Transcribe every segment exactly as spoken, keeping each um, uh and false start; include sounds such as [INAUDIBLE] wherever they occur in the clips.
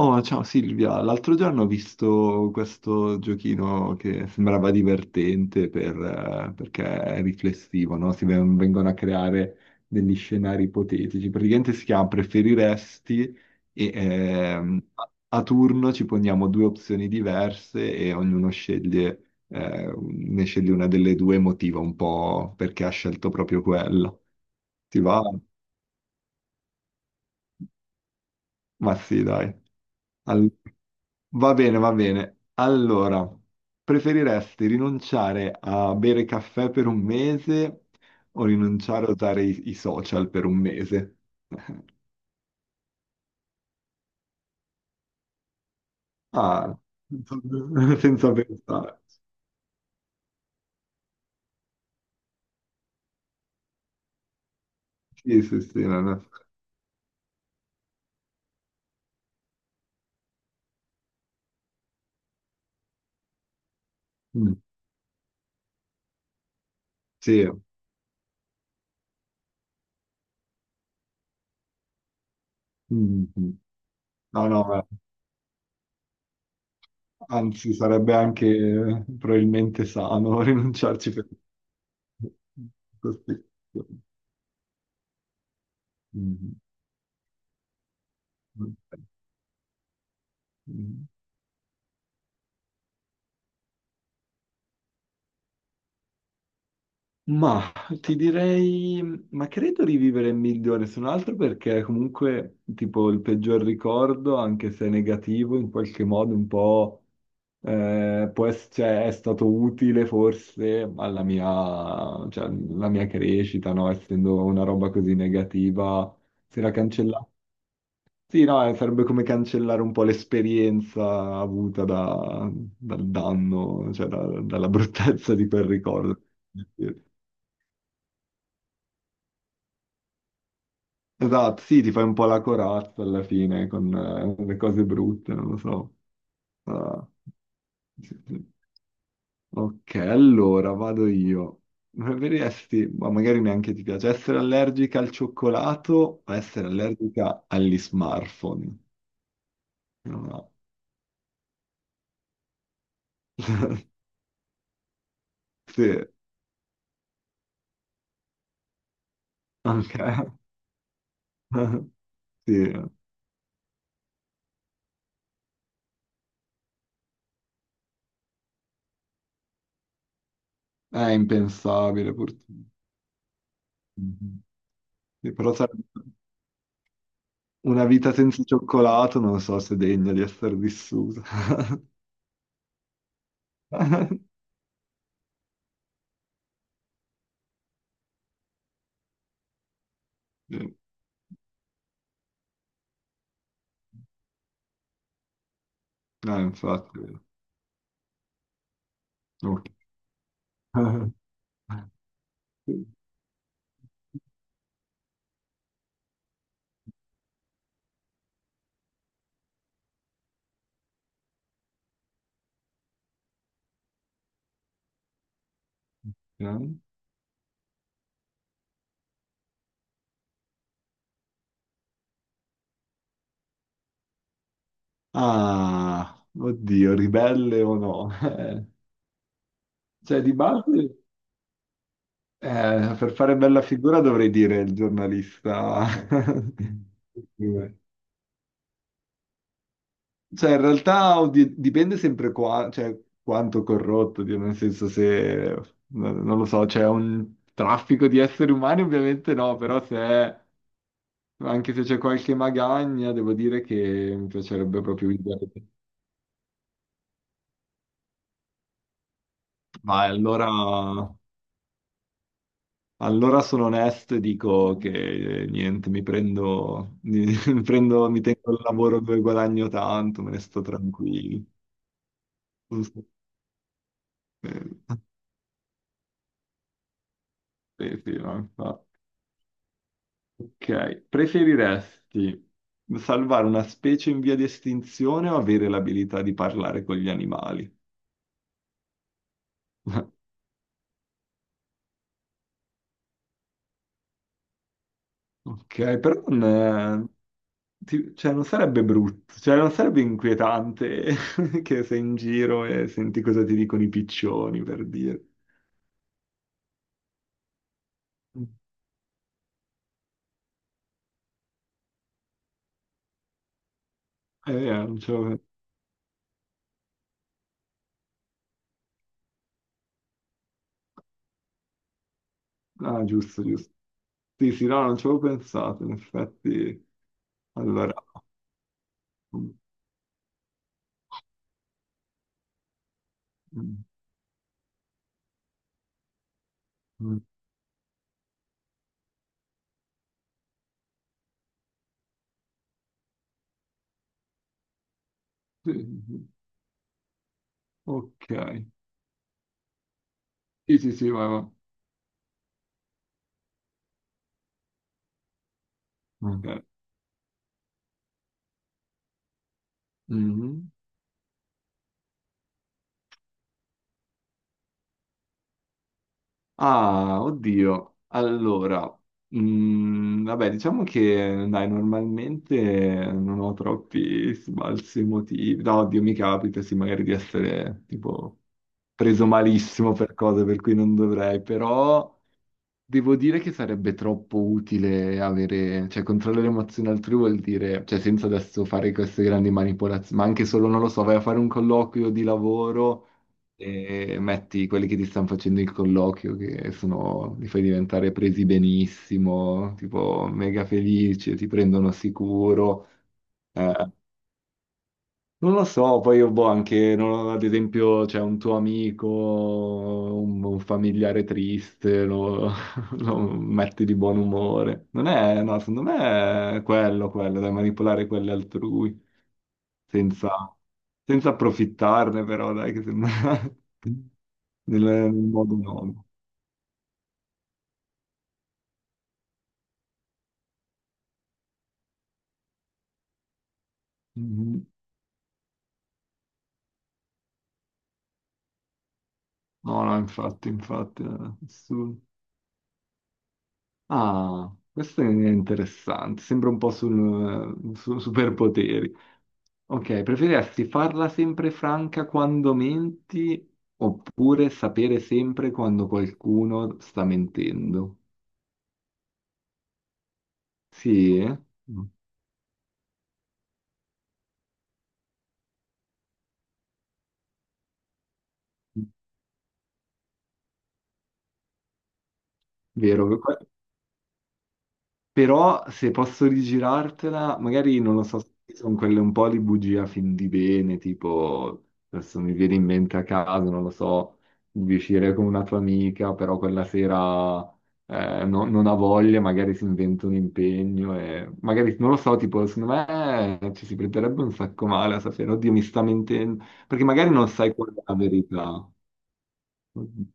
Oh, ciao Silvia, l'altro giorno ho visto questo giochino che sembrava divertente per, eh, perché è riflessivo, no? Si ven- vengono a creare degli scenari ipotetici. Praticamente si chiama Preferiresti e ehm, a a turno ci poniamo due opzioni diverse e ognuno sceglie, eh, ne sceglie una delle due, motiva un po' perché ha scelto proprio quella. Ti va? Ma sì, dai. Va bene, va bene. Allora, preferiresti rinunciare a bere caffè per un mese o rinunciare a usare i, i social per un mese? [LAUGHS] Ah, [LAUGHS] senza pensare. Sì, sì, sì. No, no. Mm. Sì. Mm, mm. No, no, eh, anzi, sarebbe anche eh, probabilmente sano [LAUGHS] rinunciarci per... Mm, mm, ok. Mm. Ma ti direi, ma credo rivivere è migliore se non altro perché comunque tipo il peggior ricordo, anche se negativo, in qualche modo un po' eh, può ess- cioè, è stato utile forse alla mia, cioè, alla mia crescita, no? Essendo una roba così negativa, se la cancella... Sì, no, eh, sarebbe come cancellare un po' l'esperienza avuta da- dal danno, cioè da- dalla [LAUGHS] bruttezza di quel ricordo. Esatto, sì, ti fai un po' la corazza alla fine con eh, le cose brutte, non lo so. Ah, sì, sì. Ok, allora vado io. Preferiresti, ma magari neanche ti piace, essere allergica al cioccolato o essere allergica agli smartphone? No. [LAUGHS] Sì, ok. [LAUGHS] Sì, è impensabile purtroppo. Mhm. Sì, però sarebbe una vita senza cioccolato non so se è degna di essere vissuta. [LAUGHS] Sì. No, infatti. Ok. [LAUGHS] Ok. Ah, oddio, ribelle o no? [LAUGHS] Eh, cioè, di base, eh, per fare bella figura dovrei dire il giornalista. [LAUGHS] Cioè, in realtà oddio, dipende sempre qua, cioè, quanto corrotto, oddio, nel senso se, no- non lo so, c'è un traffico di esseri umani, ovviamente no, però se è- anche se c'è qualche magagna, devo dire che mi piacerebbe proprio evitare. Vai, allora, allora sono onesto e dico che eh, niente, mi prendo, [LAUGHS] mi, prendo, mi tengo il lavoro dove guadagno tanto, me ne sto tranquillo. Non so- eh. Sì, sì, no, infatti. Ok, preferiresti salvare una specie in via di estinzione o avere l'abilità di parlare con gli animali? [LAUGHS] Ok, però non, eh, ti- cioè, non sarebbe brutto, cioè non sarebbe inquietante [LAUGHS] che sei in giro e senti cosa ti dicono i piccioni, per dire. Eh, eh, non ci avevo... Ah, giusto, giusto. Sì, sì, no, non ci avevo pensato, in effetti. Allora... mm, mm, mm, sì, sì, sì. Ok. Sì, sì, sì, vai, vai. Ok. Mhm. Ah, oddio. Allora, mm, vabbè, diciamo che dai, normalmente non ho troppi sbalzi emotivi. No, oddio, mi capita, sì, magari di essere tipo preso malissimo per cose per cui non dovrei, però devo dire che sarebbe troppo utile avere, cioè controllare le emozioni altrui vuol dire, cioè senza adesso fare queste grandi manipolazioni, ma anche solo, non lo so, vai a fare un colloquio di lavoro e metti quelli che ti stanno facendo il colloquio, che sono, li fai diventare presi benissimo, tipo mega felici, ti prendono sicuro. Eh. Non lo so, poi io boh, anche, non- ad esempio, c'è un tuo amico, un, un familiare triste, lo, [LAUGHS] lo metti di buon umore. Non è, no, secondo me è quello, quello, da manipolare quelli altrui, senza, senza approfittarne però, dai, che sembra [LAUGHS] nel nel modo no. Mhm. No, no, infatti, infatti. eh, su- Ah, questo è interessante. Sembra un po' sul, eh, su superpoteri. Ok, preferiresti farla sempre franca quando menti oppure sapere sempre quando qualcuno sta mentendo? Sì, eh? Mm. Vero. Però se posso rigirartela, magari non lo so, sono quelle un po' di bugia fin di bene, tipo adesso mi viene in mente a caso, non lo so, di uscire con una tua amica, però quella sera eh, no- non ha voglia, magari si inventa un impegno e magari non lo so, tipo secondo me eh, ci si prenderebbe un sacco male a sapere, oddio, mi sta mentendo, perché magari non sai qual è la verità. Mhm.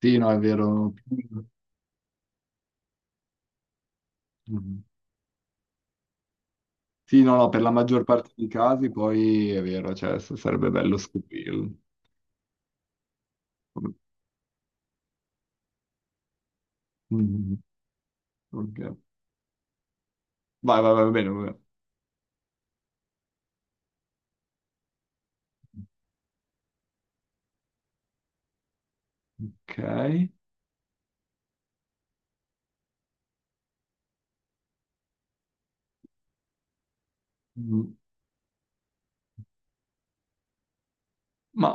Sì, no, è vero. Mhm. Sì, no, no, per la maggior parte dei casi poi è vero, cioè s- sarebbe bello scoprirlo. Mm, ok. Vai, vai, vai, va bene, va bene. Ok. Mm. Ma,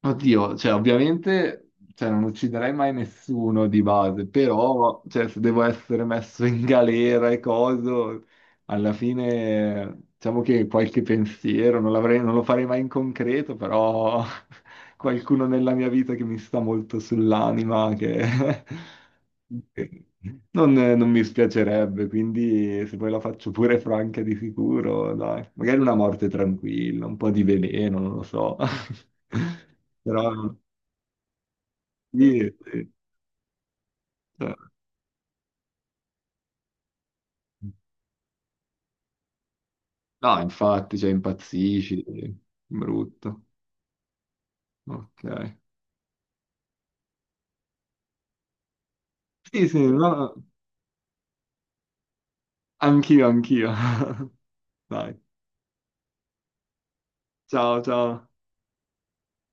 oddio, cioè ovviamente cioè, non ucciderei mai nessuno di base, però cioè, se devo essere messo in galera e coso, alla fine diciamo che qualche pensiero, non l'avrei- non lo farei mai in concreto, però [LAUGHS] qualcuno nella mia vita che mi sta molto sull'anima, che [LAUGHS] che non, non mi spiacerebbe, quindi se poi la faccio pure franca di sicuro, dai, magari una morte tranquilla, un po' di veleno, non lo so. [LAUGHS] Però sì, sì, cioè, no, infatti, cioè, impazzisci, brutto. Ok. Sì, sì, no. Anch'io, anch'io. [LAUGHS] Dai, ciao, ciao.